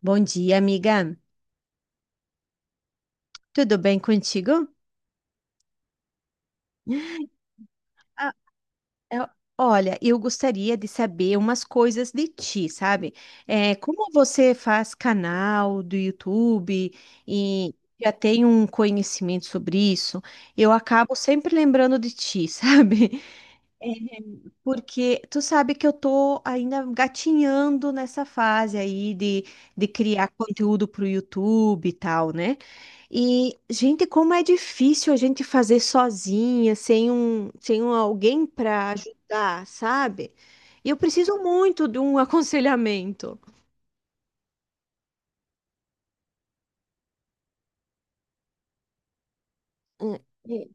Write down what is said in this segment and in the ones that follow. Bom dia, amiga. Tudo bem contigo? Ah, eu- olha, eu gostaria de saber umas coisas de ti, sabe? É, como você faz canal do YouTube e já tem um conhecimento sobre isso, eu acabo sempre lembrando de ti, sabe? Porque tu sabe que eu tô ainda gatinhando nessa fase aí de criar conteúdo pro YouTube e tal, né? E, gente, como é difícil a gente fazer sozinha, sem um alguém para ajudar, sabe? E eu preciso muito de um aconselhamento. Hum, é,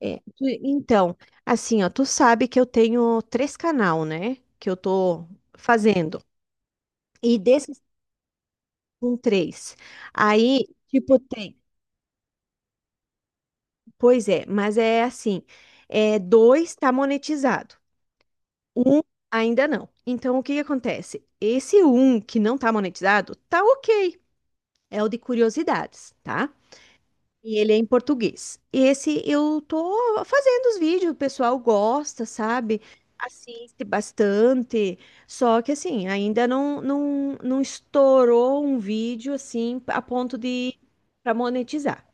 é. Então, assim, ó, tu sabe que eu tenho três canal, né? Que eu tô fazendo. E desses com três. Aí, tipo, tem. Pois é, mas é assim, é, dois está monetizado, um ainda não. Então, o que que acontece? Esse um que não está monetizado, tá ok, é o de curiosidades, tá? E ele é em português. Esse eu tô fazendo os vídeos, o pessoal gosta, sabe? Assiste bastante, só que assim, ainda não estourou um vídeo assim a ponto de para monetizar.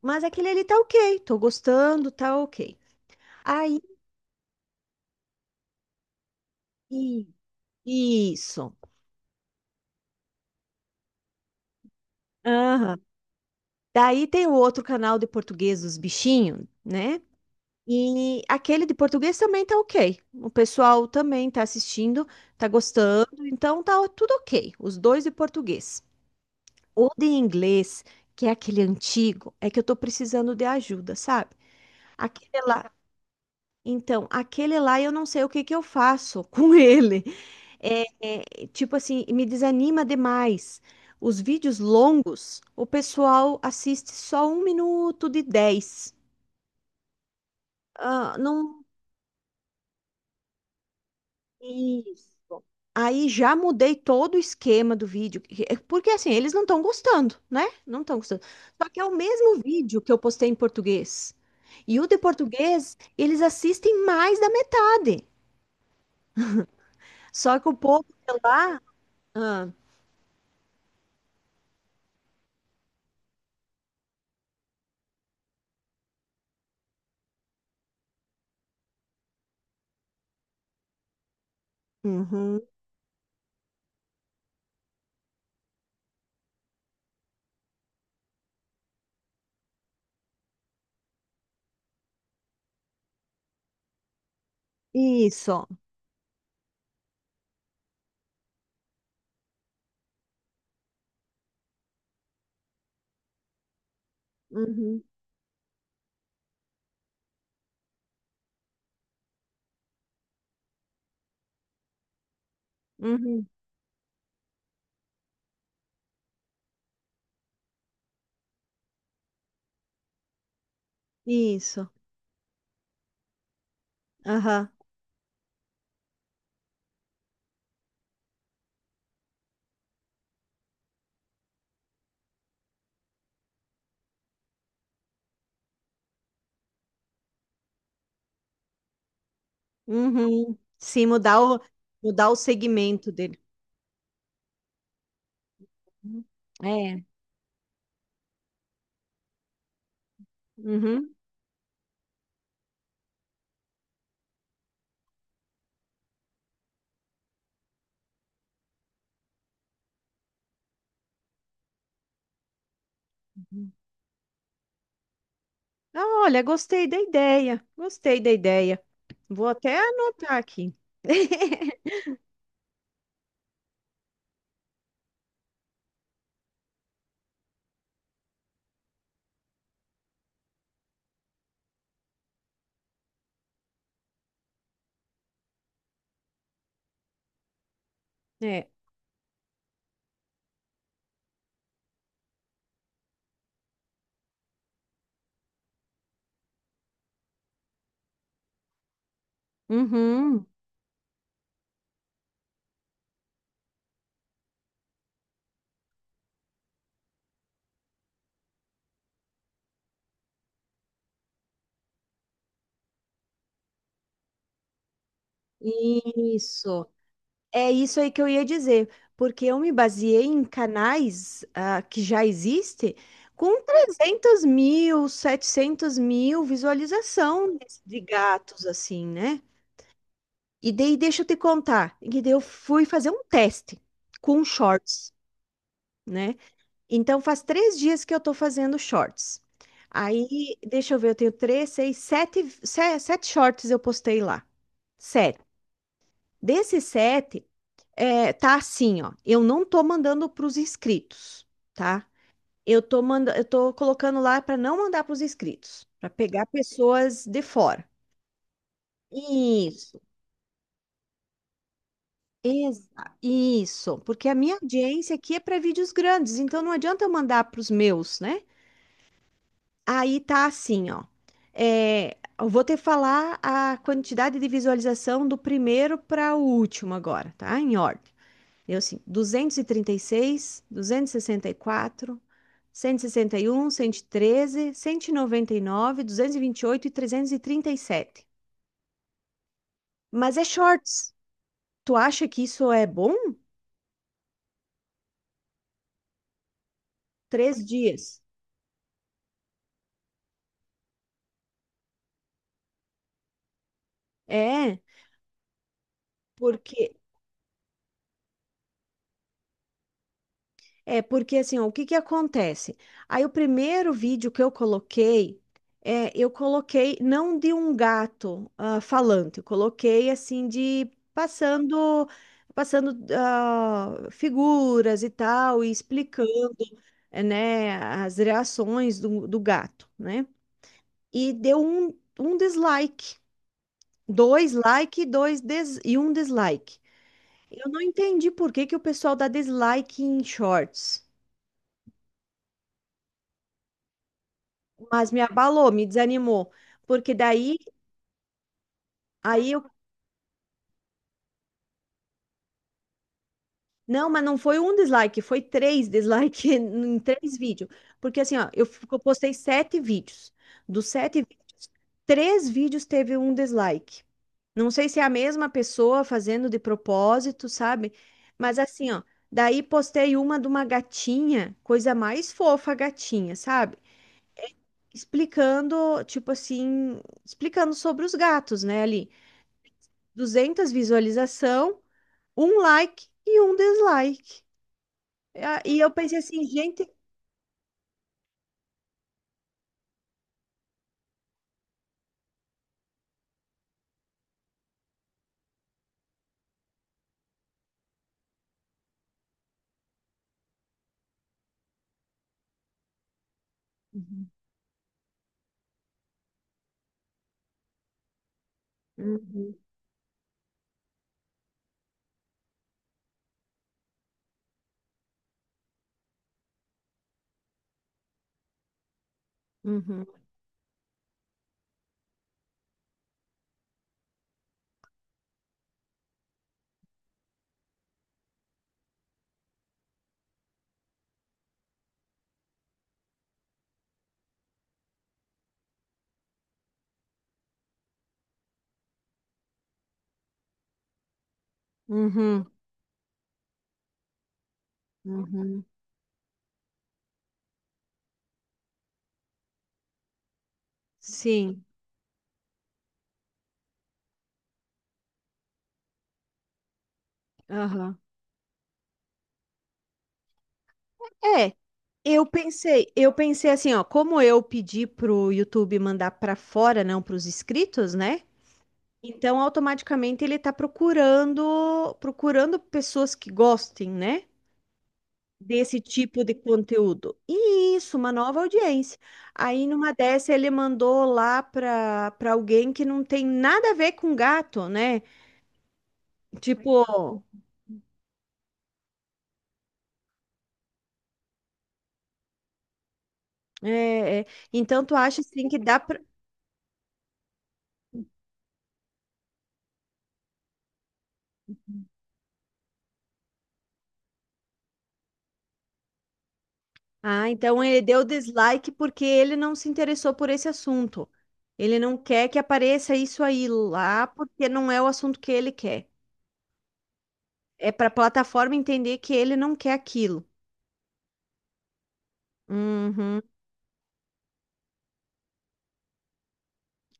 Mas aquele ali tá ok, tô gostando, tá ok. Aí, i- isso. Aham. Daí tem o outro canal de português dos bichinhos, né? E aquele de português também tá ok. O pessoal também tá assistindo, tá gostando, então tá tudo ok. Os dois de português. O de inglês, que é aquele antigo, é que eu tô precisando de ajuda, sabe? Aquele lá. Então, aquele lá eu não sei o que que eu faço com ele. É, é, tipo assim, me desanima demais. Os vídeos longos, o pessoal assiste só um minuto de 10. Ah, não. Isso. Aí já mudei todo o esquema do vídeo, porque assim, eles não estão gostando, né? Não estão gostando. Só que é o mesmo vídeo que eu postei em português. E o de português, eles assistem mais da metade. Só que o povo de lá. Uhum. Isso. Uhum. Uhum. Isso. Aham. Uhum. Sim, mudar o segmento dele. Uhum. É. Uhum. Uhum. Ah, olha, gostei da ideia. Gostei da ideia. Vou até anotar aqui. É. Uhum. Isso. É isso aí que eu ia dizer, porque eu me baseei em canais que já existem com 300.000, 700.000 visualização de gatos, assim, né? E daí, deixa eu te contar, e daí eu fui fazer um teste com shorts, né? Então, faz 3 dias que eu tô fazendo shorts. Aí, deixa eu ver, eu tenho três, seis, sete, sete shorts eu postei lá. Sete. Desses sete, é, tá assim, ó. Eu não tô mandando para os inscritos, tá? Eu tô colocando lá para não mandar para os inscritos, para pegar pessoas de fora. Isso, exa, isso, porque a minha audiência aqui é para vídeos grandes, então não adianta eu mandar para os meus, né? Aí tá assim, ó. É, eu vou te falar a quantidade de visualização do primeiro para o último agora, tá? Em ordem. Eu assim, 236, 264, 161, 113, 199, 228 e quatro cento cento cento 161, 113, 199, 228 e 337. Mas é shorts. Tu acha que isso é bom? 3 dias. É, porque É porque assim, ó, o que que acontece? Aí o primeiro vídeo que eu coloquei, eu coloquei não de um gato falante, eu coloquei assim de passando, passando figuras e tal, e explicando, né, as reações do gato, né? E deu um dislike, dois like, e um dislike. Eu não entendi por que que o pessoal dá dislike em shorts. Mas me abalou, me desanimou, porque aí eu, não, mas não foi um dislike, foi três dislike em três vídeos, porque assim, ó, eu postei sete vídeos, dos sete vídeos, três vídeos teve um dislike. Não sei se é a mesma pessoa fazendo de propósito, sabe? Mas assim, ó, daí postei uma de uma gatinha, coisa mais fofa, a gatinha, sabe? Explicando, tipo assim, explicando sobre os gatos, né, ali. 200 visualização, um like e um dislike. Ah, e eu pensei assim, gente. Uhum, uhum, uhum, uhum, uhum. Sim, aham. É, eu pensei assim, ó, como eu pedi pro YouTube mandar pra fora, não pros inscritos, né? Então automaticamente ele tá procurando, procurando pessoas que gostem, né? Desse tipo de conteúdo. E isso, uma nova audiência. Aí numa dessa ele mandou lá para alguém que não tem nada a ver com gato, né? Tipo, é, é, então tu acha assim que dá para. Ah, então ele deu dislike porque ele não se interessou por esse assunto. Ele não quer que apareça isso aí lá porque não é o assunto que ele quer. É para a plataforma entender que ele não quer aquilo. Uhum,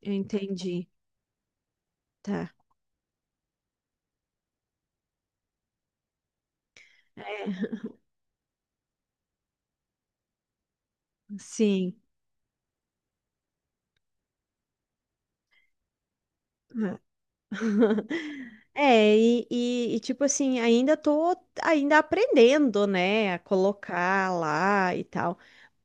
eu entendi. Tá. É, sim. É. É, tipo assim, ainda tô ainda aprendendo, né, a colocar lá e tal,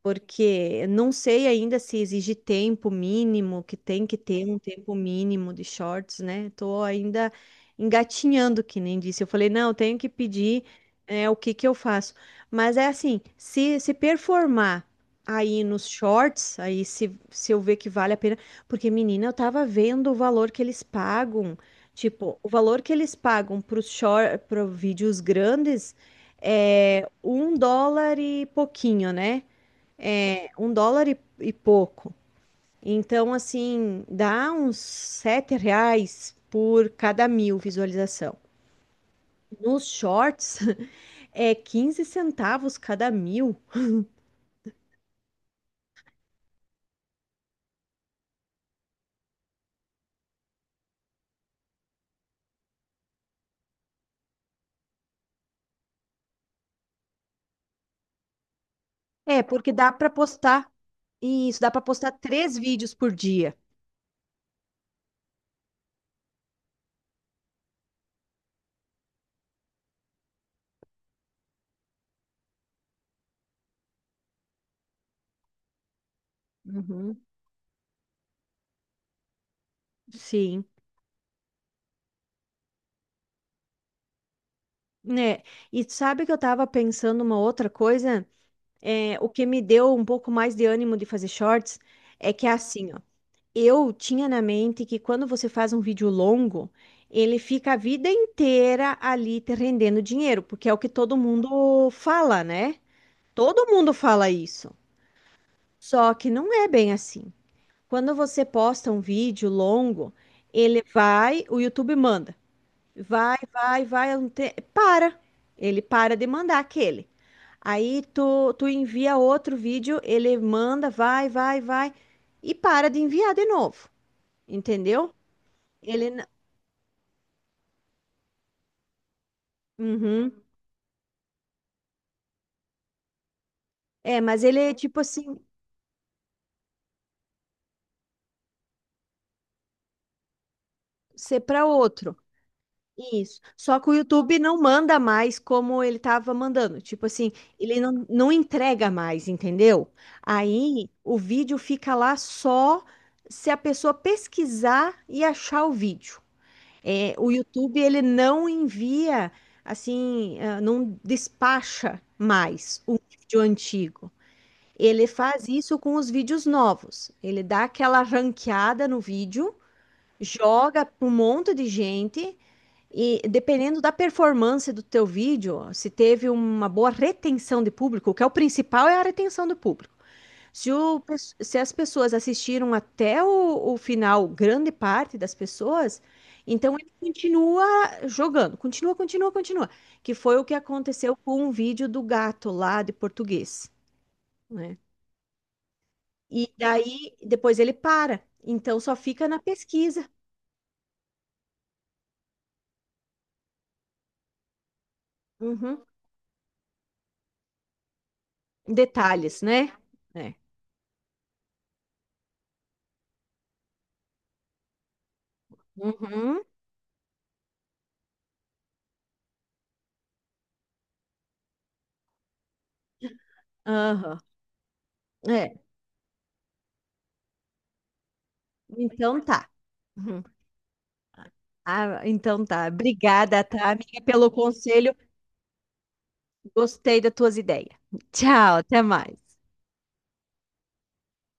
porque não sei ainda se exige tempo mínimo, que tem que ter um tempo mínimo de shorts, né? Tô ainda engatinhando, que nem disse. Eu falei, não, eu tenho que pedir, o que que eu faço. Mas é assim, se performar aí nos shorts, aí se eu ver que vale a pena, porque menina, eu tava vendo o valor que eles pagam. Tipo, o valor que eles pagam para vídeos grandes é US$ 1 e pouquinho, né? É um dólar e pouco. Então, assim, dá uns R$ 7 por cada mil visualização. Nos shorts é 15 centavos cada mil. É, porque dá para postar isso, dá para postar três vídeos por dia. Uhum. Sim, né? E sabe que eu tava pensando uma outra coisa? É, o que me deu um pouco mais de ânimo de fazer shorts é que é assim, ó. Eu tinha na mente que quando você faz um vídeo longo, ele fica a vida inteira ali te rendendo dinheiro, porque é o que todo mundo fala, né? Todo mundo fala isso. Só que não é bem assim. Quando você posta um vídeo longo, ele vai, o YouTube manda. Vai, vai, vai, para. Ele para de mandar aquele. Aí tu envia outro vídeo, ele manda, vai, vai, vai, e para de enviar de novo, entendeu? Ele. Uhum. É, mas ele é tipo assim, ser para outro. Isso. Só que o YouTube não manda mais como ele estava mandando. Tipo assim, ele não entrega mais, entendeu? Aí o vídeo fica lá só se a pessoa pesquisar e achar o vídeo. É, o YouTube ele não envia assim, não despacha mais o vídeo antigo. Ele faz isso com os vídeos novos. Ele dá aquela ranqueada no vídeo, joga para um monte de gente e dependendo da performance do teu vídeo, se teve uma boa retenção de público, o que é o principal é a retenção do público. Se, o pe- se as pessoas assistiram até o final, grande parte das pessoas, então ele continua jogando, continua, continua, continua. Que foi o que aconteceu com um vídeo do gato lá de português, né? E daí depois ele para, então só fica na pesquisa. Uhum. Detalhes, né? É. Uhum. Aham. É. Então tá. Uhum. Ah, então tá. Obrigada, tá, amiga, pelo conselho. Gostei das tuas ideias. Tchau, até mais.